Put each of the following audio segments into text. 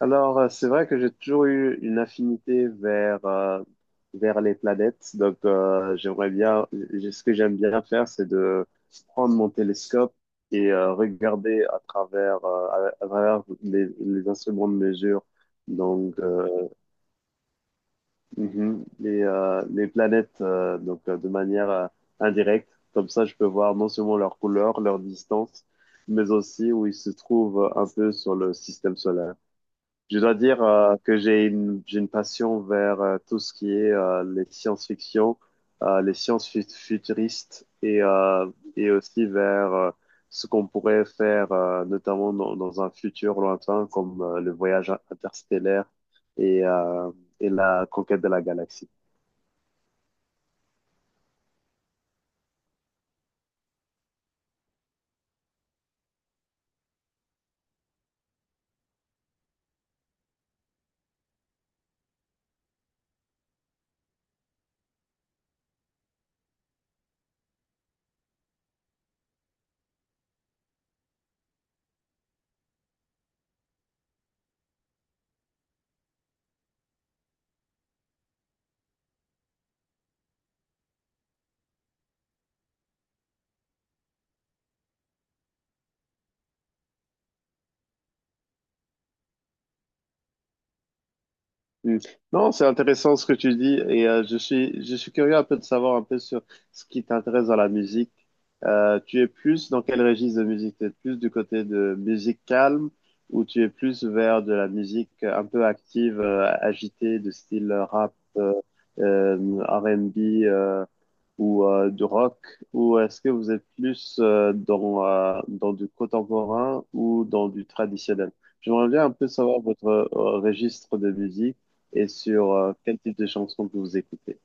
C'est vrai que j'ai toujours eu une affinité vers les planètes. J'aimerais bien, ce que j'aime bien faire, c'est de prendre mon télescope et regarder à à travers les instruments de mesure, donc euh, les planètes de manière indirecte. Comme ça, je peux voir non seulement leur couleur, leur distance, mais aussi où ils se trouvent un peu sur le système solaire. Je dois dire que j'ai une passion vers tout ce qui est les science-fiction, euh, futuristes et et aussi vers ce qu'on pourrait faire notamment dans un futur lointain comme le voyage interstellaire et, euh, et la conquête de la galaxie. Mm. Non, c'est intéressant ce que tu dis et je suis curieux un peu de savoir un peu sur ce qui t'intéresse dans la musique. Tu es plus dans quel registre de musique? Tu es plus du côté de musique calme ou tu es plus vers de la musique un peu active, agitée, de style rap, euh, R&B. euh, ou du rock, ou est-ce que vous êtes plus dans du contemporain ou dans du traditionnel? J'aimerais bien un peu savoir votre registre de musique et sur quel type de chansons que vous écoutez.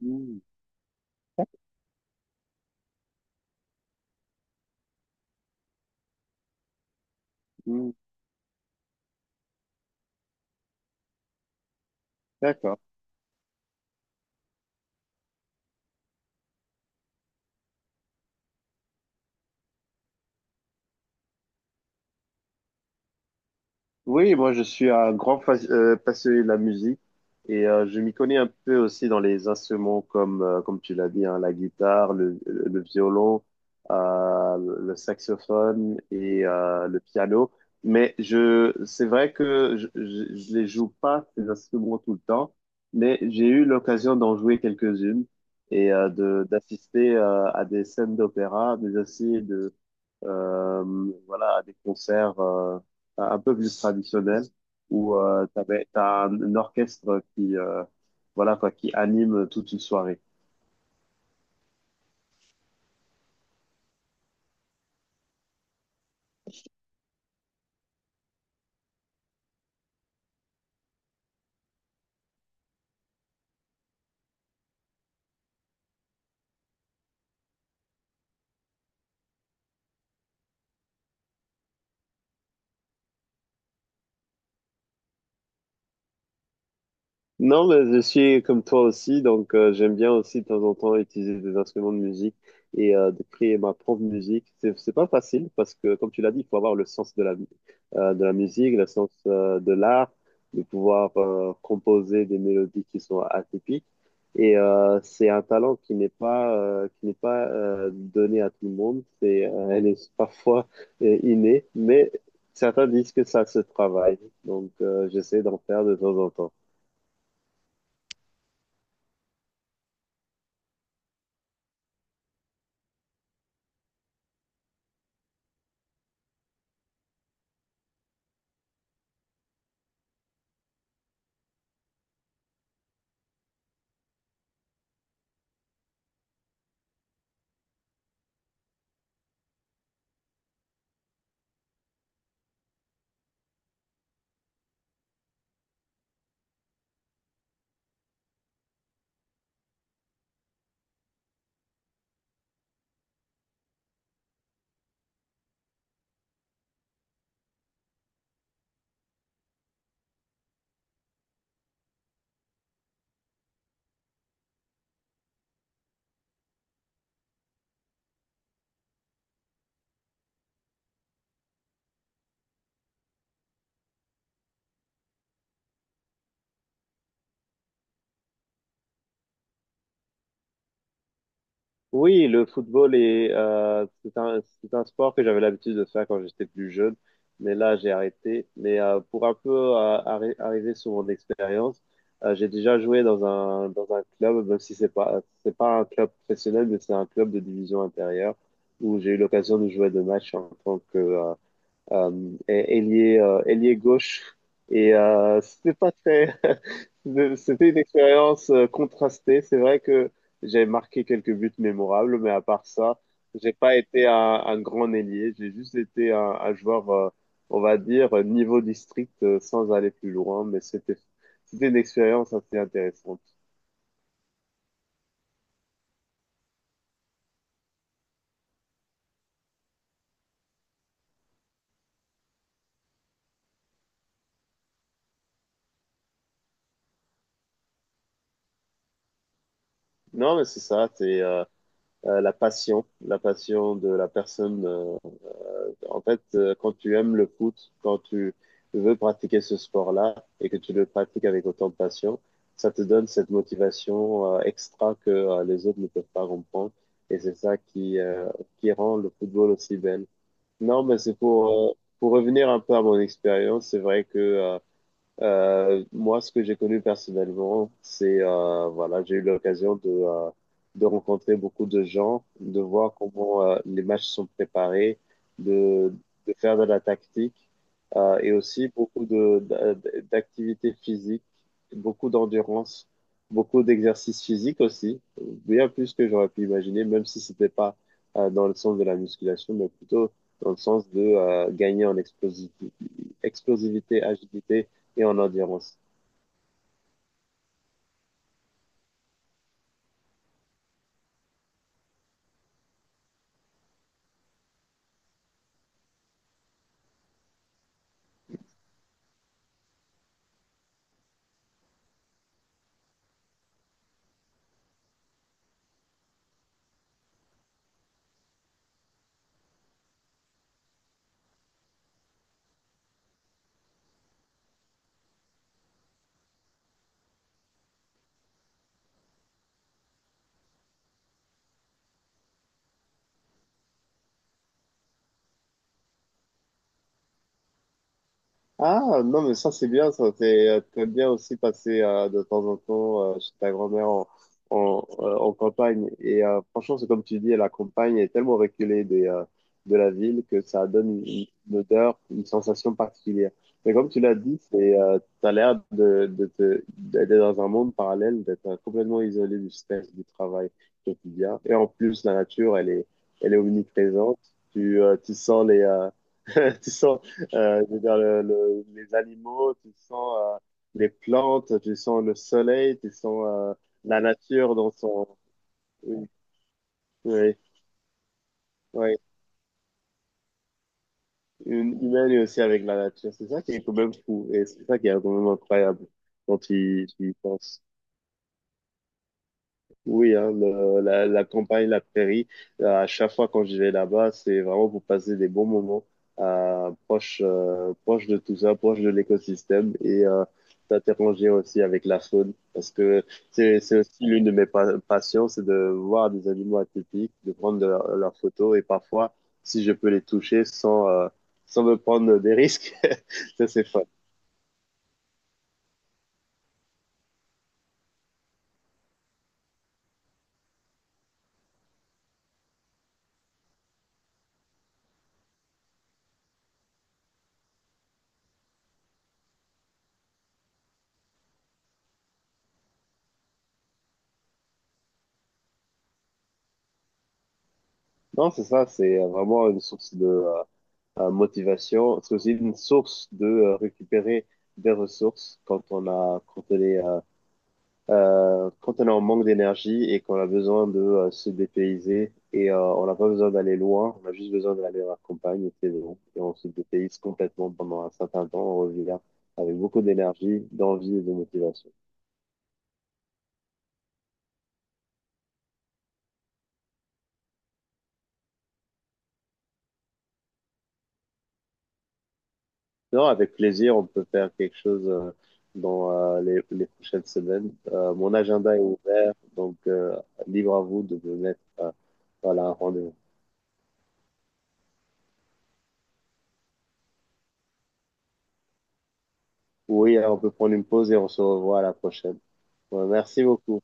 Hmm, hmm, d'accord. Oui, moi je suis un grand passionné de la musique et je m'y connais un peu aussi dans les instruments comme, comme tu l'as dit, hein, la guitare, le violon, le saxophone et le piano. Mais c'est vrai que je les joue pas ces instruments tout le temps, mais j'ai eu l'occasion d'en jouer quelques-unes et de d'assister à des scènes d'opéra, mais aussi voilà, à des concerts un peu plus traditionnels où t'as un orchestre qui, voilà, quoi, qui anime toute une soirée. Non, mais je suis comme toi aussi, donc j'aime bien aussi de temps en temps utiliser des instruments de musique et de créer ma propre musique. C'est pas facile parce que, comme tu l'as dit, il faut avoir le sens de la musique. Le sens de l'art, de pouvoir composer des mélodies qui sont atypiques. Et c'est un talent qui n'est pas donné à tout le monde. Elle est parfois innée, mais certains disent que ça se travaille. Donc, j'essaie d'en faire de temps en temps. Oui, le football c'est un sport que j'avais l'habitude de faire quand j'étais plus jeune, mais là j'ai arrêté. Mais pour un peu arriver sur mon expérience, j'ai déjà joué dans un club, même si c'est pas un club professionnel, mais c'est un club de division intérieure où j'ai eu l'occasion de jouer deux matchs en tant que, et- ailier, ailier gauche. Et c'était pas très, c'était une expérience contrastée. C'est vrai que j'ai marqué quelques buts mémorables, mais à part ça, j'ai pas été un grand ailier. J'ai juste été un joueur, on va dire, niveau district, sans aller plus loin. C'était une expérience assez intéressante. Non, mais c'est ça, c'est la passion de la personne. Quand tu aimes le foot, quand tu veux pratiquer ce sport-là et que tu le pratiques avec autant de passion, ça te donne cette motivation extra que les autres ne peuvent pas comprendre. Et c'est ça qui rend le football aussi belle. Non, mais c'est pour revenir un peu à mon expérience, c'est vrai que moi, ce que j'ai connu personnellement, voilà, j'ai eu l'occasion de rencontrer beaucoup de gens, de voir comment les matchs sont préparés, de, de faire de la tactique, et aussi beaucoup d'activités physiques, beaucoup d'endurance, beaucoup d'exercices physiques aussi, bien plus que j'aurais pu imaginer, même si c'était pas dans le sens de la musculation, mais plutôt dans le sens de gagner en explosivité, agilité et en endurance. Ah, non, mais ça, c'est bien, ça. T'aimes bien aussi passer de temps en temps chez ta grand-mère en campagne. Et franchement, c'est comme tu dis, la campagne est tellement reculée de la ville que ça donne une odeur, une sensation particulière. Mais comme tu l'as dit, t'as l'air d'être dans un monde parallèle, d'être complètement isolé du stress, du travail quotidien. Et en plus, la nature, elle est omniprésente. Tu sens Tu sens, je veux dire, les animaux, tu sens les plantes, tu sens le soleil, tu sens la nature dans son... Oui, oui, oui. Une humaine et aussi avec la nature. C'est ça qui est quand même fou et c'est ça qui est quand même incroyable quand tu y penses. Oui, hein, la campagne, la prairie, à chaque fois quand je vais là-bas, c'est vraiment pour passer des bons moments proche de tout ça, proche de l'écosystème et t'interroger aussi avec la faune parce que c'est aussi l'une de mes passions, c'est de voir des animaux atypiques, de prendre de leurs photos et parfois, si je peux les toucher sans, sans me prendre des risques, ça c'est fun. Non, c'est ça, c'est vraiment une source de motivation. Parce que C'est aussi une source de récupérer des ressources quand on quand on est en manque d'énergie et qu'on a besoin de se dépayser. Et on n'a pas besoin d'aller loin, on a juste besoin d'aller à la campagne, et c'est bon. Et on se dépayse complètement pendant un certain temps, on revient avec beaucoup d'énergie, d'envie et de motivation. Non, avec plaisir, on peut faire quelque chose dans les prochaines semaines. Mon agenda est ouvert, donc libre à vous de me mettre voilà, un rendez-vous. Oui, on peut prendre une pause et on se revoit à la prochaine. Ouais, merci beaucoup.